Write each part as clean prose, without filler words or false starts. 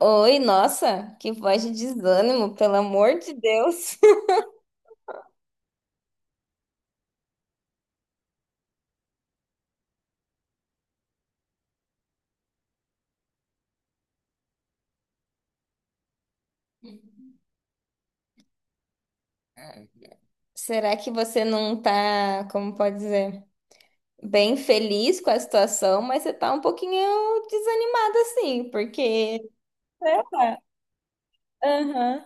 Oi, nossa, que voz de desânimo, pelo amor de Deus. Será que você não tá, como pode dizer, bem feliz com a situação, mas você tá um pouquinho desanimada assim, porque, sei lá, aham.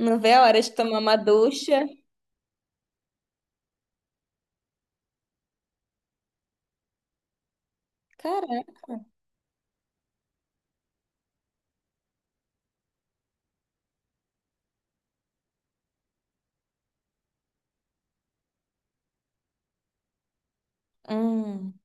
Não vê a hora de tomar uma ducha. Caraca. Hum.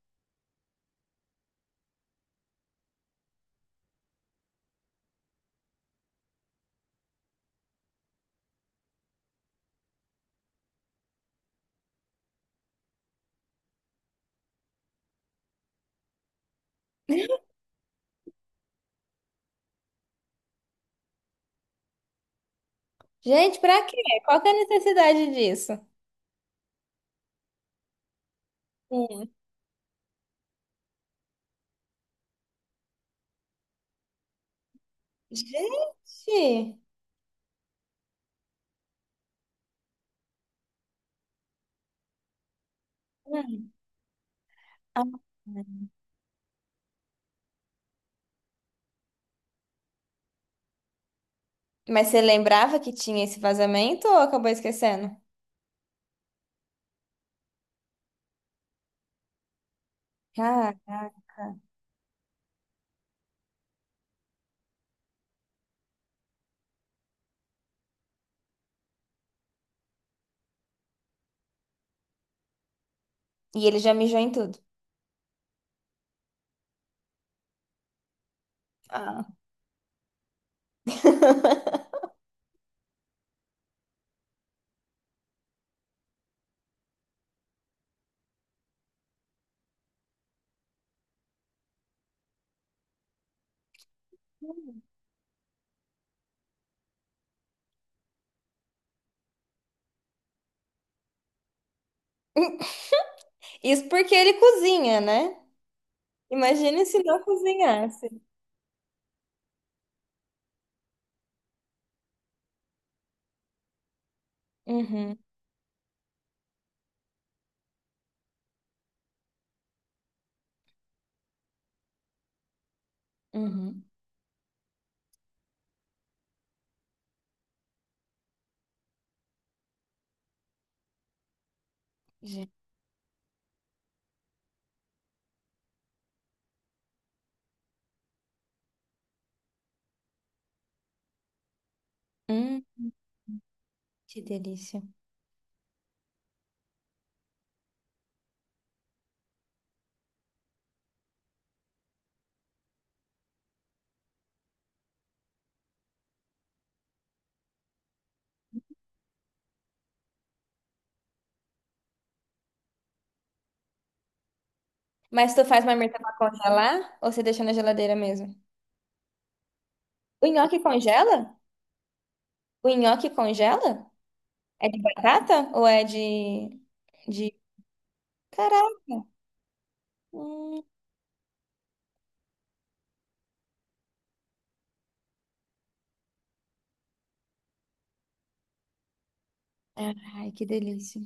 Gente, pra quê? Qual que é a necessidade disso? Hum. Gente! Hum. Mas você lembrava que tinha esse vazamento ou acabou esquecendo? Caraca. E ele já mijou em tudo. Ah. Isso porque ele cozinha, né? Imagine se não cozinhasse. Uhum, uhum. Gente, hum, que delícia. Mas tu faz marmita pra congelar ou você deixa na geladeira mesmo? O nhoque congela? O nhoque congela? É de batata ou é de... Caraca. Hum. Ai, que delícia.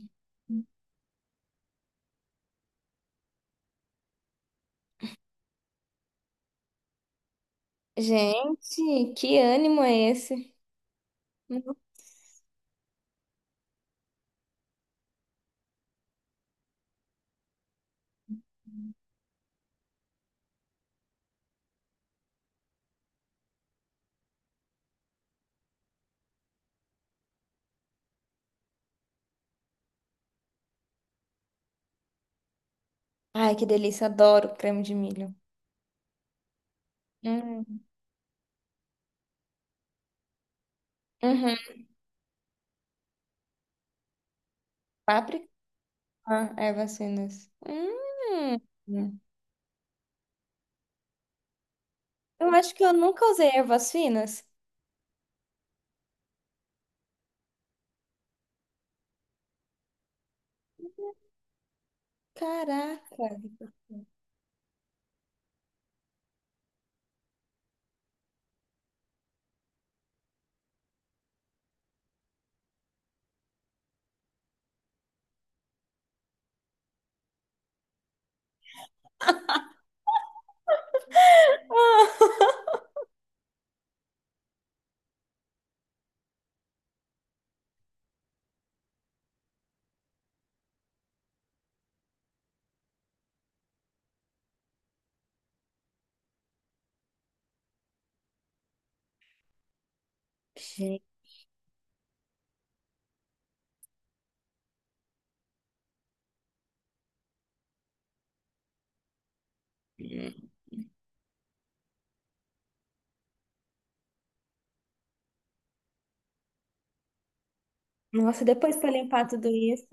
Gente, que ânimo é esse? Ai, que delícia. Adoro creme de milho. Hum. Uhum. Fabricar ervas finas. Eu acho que eu nunca usei ervas finas. Caraca. Gente. Nossa, depois pra limpar tudo isso.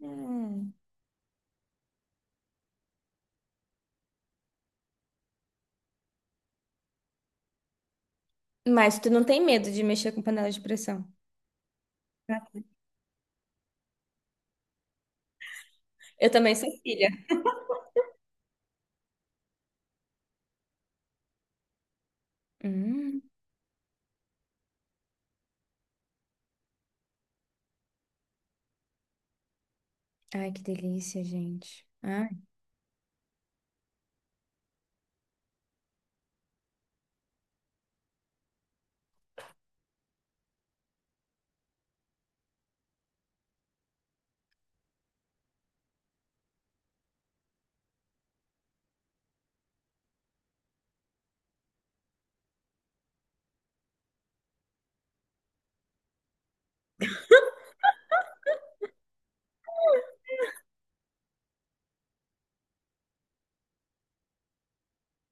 Hum. Mas tu não tem medo de mexer com panela de pressão? Eu também sou filha. Hum. Ai, que delícia, gente. Ai.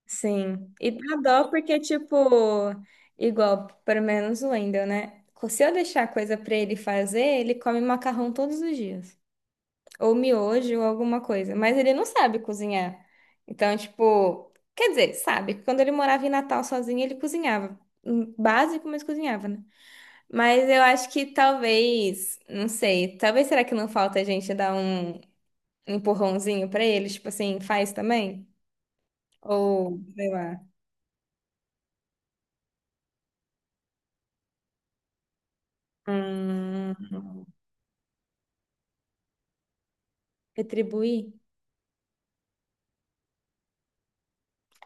Sim. E dá dó porque, tipo, igual, pelo menos o Wendel, né? Se eu deixar coisa pra ele fazer, ele come macarrão todos os dias, ou miojo ou alguma coisa, mas ele não sabe cozinhar. Então, tipo, quer dizer, sabe, que quando ele morava em Natal sozinho, ele cozinhava. Básico, mas cozinhava, né? Mas eu acho que talvez, não sei, talvez será que não falta a gente dar um empurrãozinho pra ele, tipo assim, faz também? Ou, sei lá, hum, retribuir?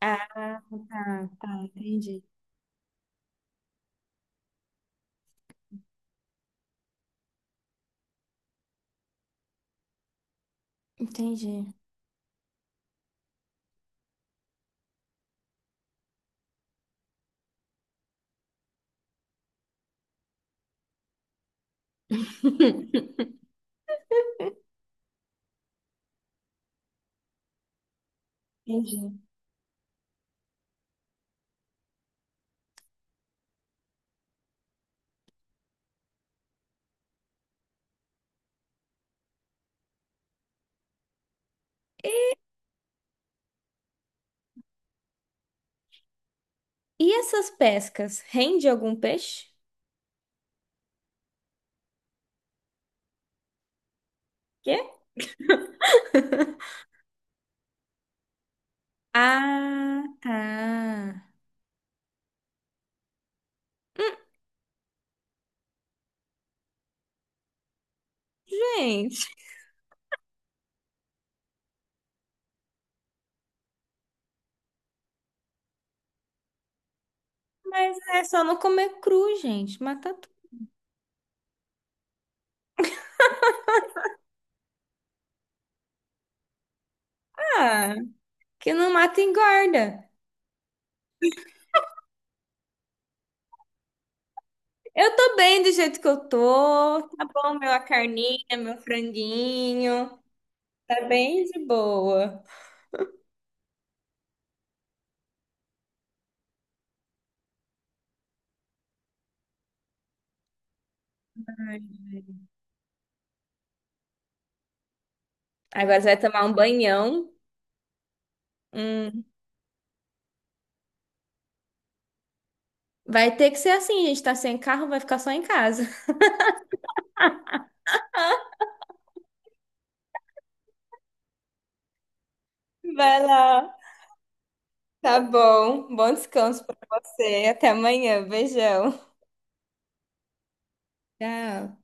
Ah, tá, tá, entendi. Entendi, entendi. E essas pescas, rende algum peixe? Ah, tá. Gente, mas é só não comer cru, gente. Mata tudo. Ah, que não mata engorda. Eu tô bem do jeito que eu tô. Tá bom, meu, a carninha, meu franguinho. Tá bem de boa. Ai. Agora você vai tomar um banhão. Hum. Vai ter que ser assim, gente. Tá sem carro, vai ficar só em casa. Vai lá. Tá bom. Bom descanso pra você. Até amanhã. Beijão. Tchau.